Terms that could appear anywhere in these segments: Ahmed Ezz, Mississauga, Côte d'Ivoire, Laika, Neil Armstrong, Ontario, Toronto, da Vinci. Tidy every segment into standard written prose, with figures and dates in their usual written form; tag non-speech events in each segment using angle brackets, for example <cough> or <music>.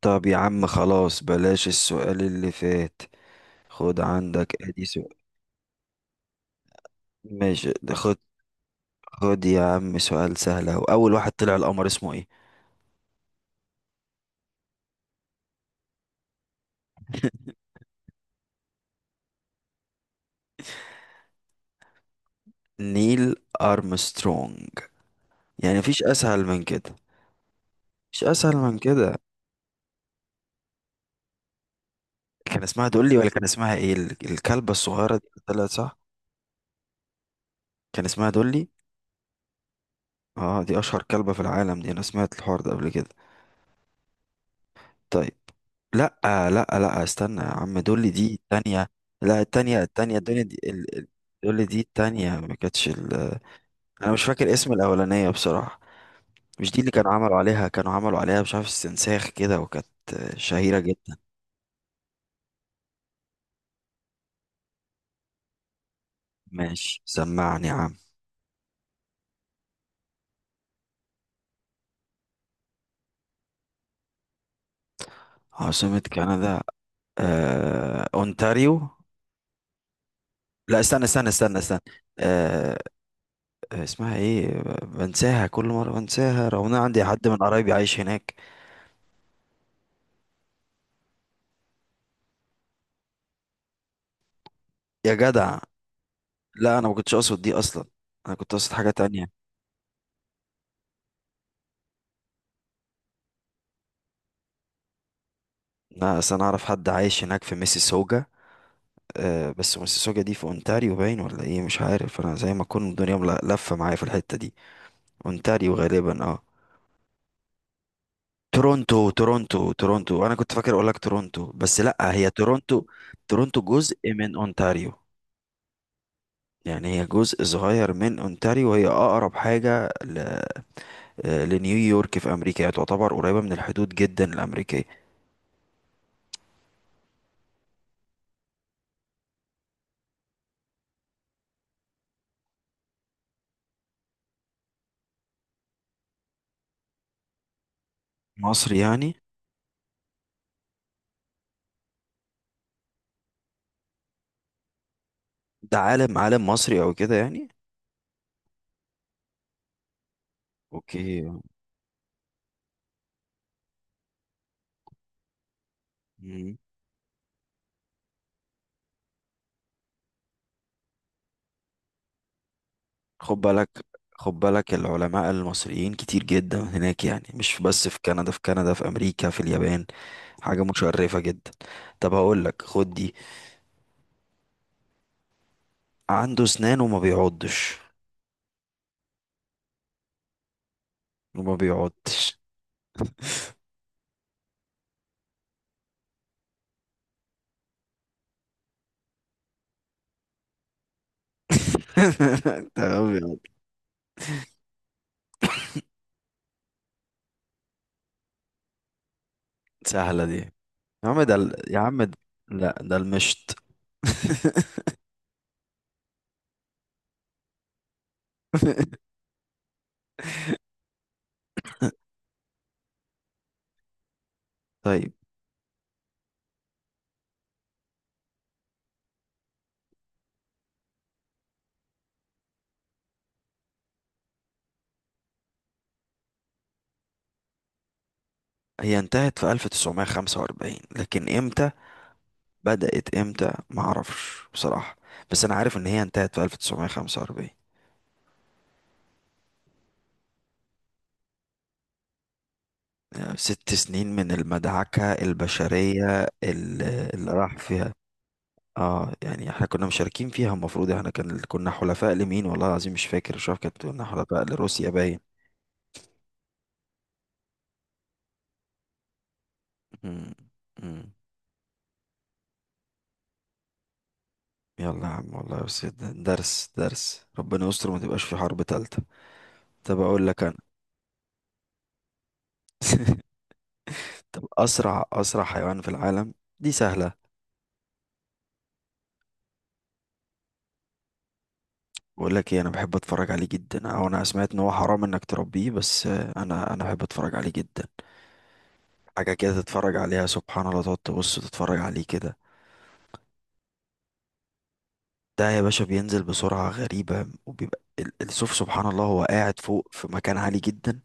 طب يا عم خلاص بلاش السؤال اللي فات. خد عندك ادي سؤال. ماشي ده خد. خد يا عم سؤال سهل اهو، اول واحد طلع القمر اسمه ايه؟ نيل ارمسترونج. يعني مفيش اسهل من كده. مفيش اسهل من كده. كان اسمها دولي ولا كان اسمها ايه الكلبة الصغيرة دي اللي طلعت صح؟ كان اسمها دولي. اه دي اشهر كلبة في العالم، دي انا سمعت الحوار ده قبل كده. طيب. لا لا. لا استنى يا عم، دول دي التانية. لا التانية التانية دول دي دول دي التانية ما كانتش انا مش فاكر اسم الاولانية بصراحة. مش دي اللي كانوا عملوا عليها مش عارف استنساخ كده، وكانت شهيرة جدا. ماشي سمعني يا عم. عاصمة كندا؟ اونتاريو. لا استنى استنى استنى استنى. آه... اسمها ايه؟ بنساها كل مرة بنساها، رغم ان أنا عندي حد من قرايبي عايش هناك. يا جدع. لا انا ما كنتش اقصد دي اصلا. انا كنت اقصد حاجه تانية. لا اصل انا اعرف حد عايش هناك في ميسيسوجا. بس ميسيسوجا دي في اونتاريو باين، ولا ايه؟ مش عارف، انا زي ما اكون الدنيا لفه معايا في الحته دي. اونتاريو غالبا اه. تورونتو تورونتو تورونتو، انا كنت فاكر اقول لك تورونتو، بس لا هي تورونتو. تورونتو جزء من اونتاريو. يعني هي جزء صغير من اونتاريو، وهي اقرب حاجه ل... لنيويورك في امريكا، يعني تعتبر قريبه من الحدود جدا الامريكيه. مصر يعني. ده عالم مصري او كده يعني. اوكي. مم. خد بالك. خد بالك العلماء المصريين كتير جدا هناك، يعني مش بس في كندا، في امريكا، في اليابان. حاجة متشرفة جدا. طب هقول لك خد دي. عنده اسنان وما بيعضش. وما بيعضش. <laughs> تمام يا عم. سهلة دي. يا عم ده ال- يا عم ده- لا ده المشط. <laughs> طيب. هي انتهت في 1945، لكن امتى بدأت؟ امتى ما اعرفش بصراحة، بس انا عارف ان هي انتهت في 1945. يعني 6 سنين من المدعكة البشرية اللي راح فيها. اه. يعني احنا كنا مشاركين فيها، المفروض احنا كنا حلفاء لمين؟ والله العظيم مش فاكر، مش عارف، كنا حلفاء لروسيا باين. مم. مم. يلا يا عم والله، بس درس درس، ربنا يستر وما تبقاش في حرب تالتة. طب اقول لك انا. <laughs> طب اسرع حيوان في العالم؟ دي سهلة. بقول لك ايه، انا بحب اتفرج عليه جدا، او انا سمعت ان هو حرام انك تربيه، بس انا بحب اتفرج عليه جدا. حاجه كده تتفرج عليها سبحان الله، تقعد تبص تتفرج عليه كده. ده يا باشا بينزل بسرعه غريبه، وبيبقى السوف سبحان الله، هو قاعد فوق في مكان عالي جدا.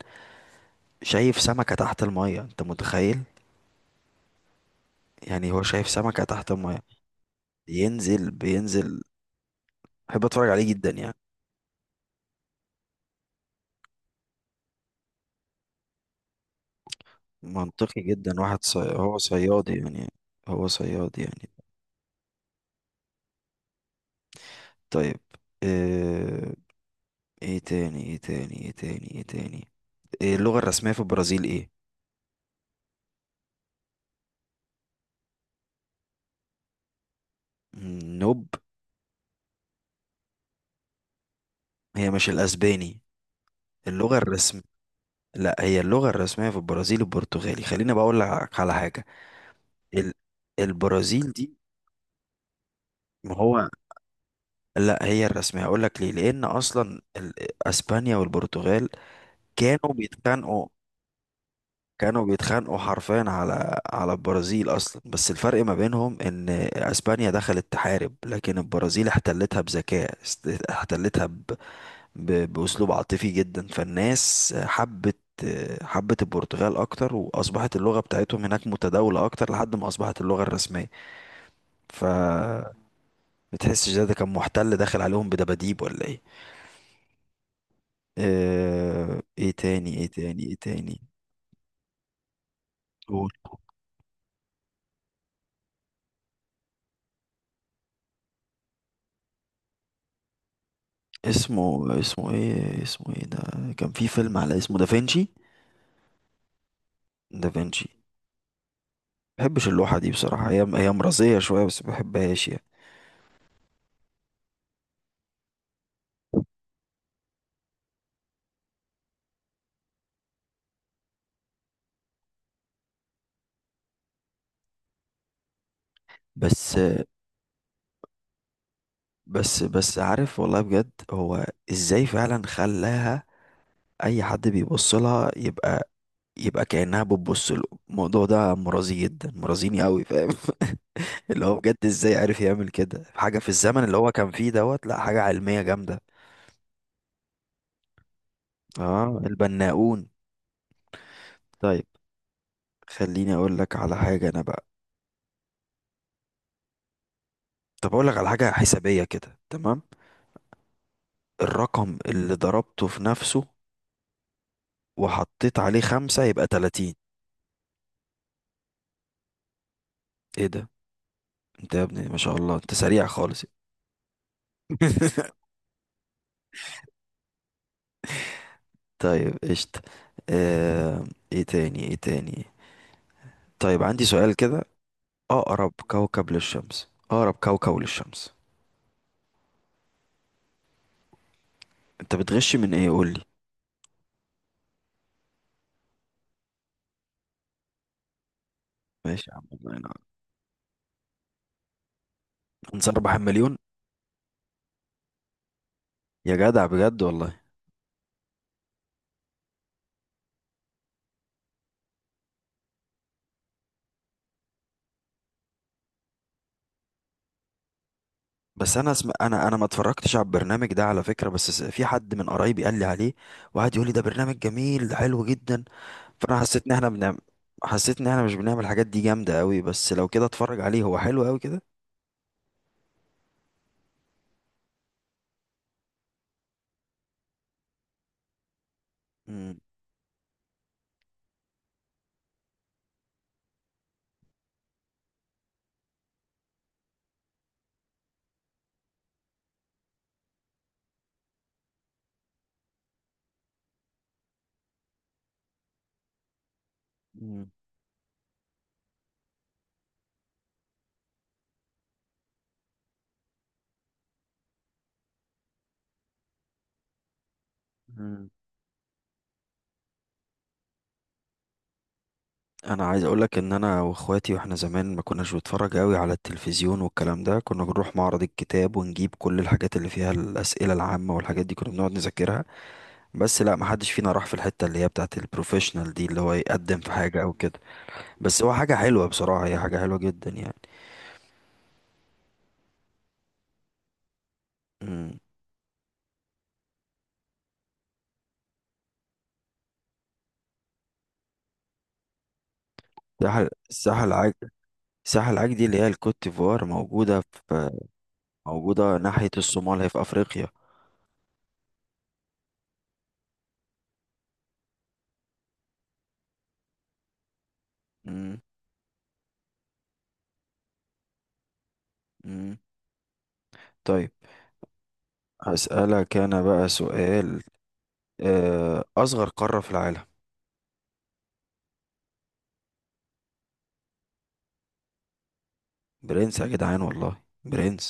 شايف سمكه تحت الميه، انت متخيل؟ يعني هو شايف سمكه تحت الميه. ينزل بينزل. بحب اتفرج عليه جدا يعني. منطقي جدا، واحد هو صياد يعني. هو صياد يعني. طيب. آه، ايه تاني ايه تاني ايه تاني ايه تاني؟ إيه اللغة الرسمية في البرازيل ايه؟ مم، نوب. هي مش الاسباني. اللغة الرسم لا هي اللغة الرسمية في البرازيل البرتغالي، خليني بقول لك على حاجة. ال... البرازيل دي. ما هو. لا هي الرسمية، هقول لك ليه، لان اصلا اسبانيا والبرتغال كانوا بيتخانقوا. كانوا بيتخانقوا حرفيا على البرازيل اصلا، بس الفرق ما بينهم ان اسبانيا دخلت تحارب، لكن البرازيل احتلتها بذكاء، احتلتها بأسلوب عاطفي جدا، فالناس حبت. حبت البرتغال أكتر، وأصبحت اللغة بتاعتهم هناك متداولة أكتر لحد ما أصبحت اللغة الرسمية. ف بتحسش ده؟ ده كان محتل داخل عليهم بدباديب ولا إيه؟ إيه تاني إيه تاني إيه تاني؟ قول. اسمه إيه؟ اسمه إيه ده؟ كان في فيلم على اسمه، دافنشي. دافنشي. مبحبش اللوحة دي بصراحة، هي مرضية شوية بس مبحبهاش يعني. بس بس بس عارف والله بجد، هو ازاي فعلا خلاها؟ اي حد بيبص لها يبقى، يبقى كأنها بتبص له. الموضوع ده مرازي جدا، مرازيني قوي فاهم. <laughs> اللي هو بجد، ازاي عارف يعمل كده حاجة في الزمن اللي هو كان فيه دوت، لا حاجة علمية جامدة. اه البناؤون. طيب. خليني اقول لك على حاجة انا بقى. طب اقول لك على حاجة حسابية كده تمام. الرقم اللي ضربته في نفسه وحطيت عليه 5 يبقى 30. ايه ده؟ انت يا ابني ما شاء الله انت سريع خالص. <laughs> طيب قشطة. آه، ايه تاني ايه تاني؟ طيب عندي سؤال كده. اقرب كوكب للشمس، اقرب كوكب للشمس. انت بتغش من ايه قول لي؟ ماشي يا عم والله انا. انسان 4 مليون. يا جدع بجد والله. بس انا انا ما اتفرجتش على البرنامج ده على فكرة، بس في حد من قرايبي قال لي عليه، وقعد يقول لي ده برنامج جميل، ده حلو جدا. فانا حسيت ان احنا بنعمل، حسيت ان احنا مش بنعمل الحاجات دي جامدة قوي، بس لو كده اتفرج عليه هو حلو قوي كده. مم. مم. مم. انا عايز اقولك ان انا واخواتي واحنا زمان ما كناش بنتفرج قوي على التلفزيون والكلام ده، كنا بنروح معرض الكتاب ونجيب كل الحاجات اللي فيها الاسئله العامه والحاجات دي، كنا بنقعد نذاكرها. بس لا، ما حدش فينا راح في الحته اللي هي بتاعه البروفيشنال دي، اللي هو يقدم في حاجه او كده. بس هو حاجه حلوه بصراحه، هي حاجه حلوه جدا يعني. امم. ساحل عاج. ساحل عاج دي اللي هي الكوت ديفوار، موجوده في، موجوده ناحيه الصومال، هي في افريقيا. امم. امم. طيب. هسألك أنا بقى سؤال. اصغر قارة في العالم؟ برنس يا جدعان والله برنس.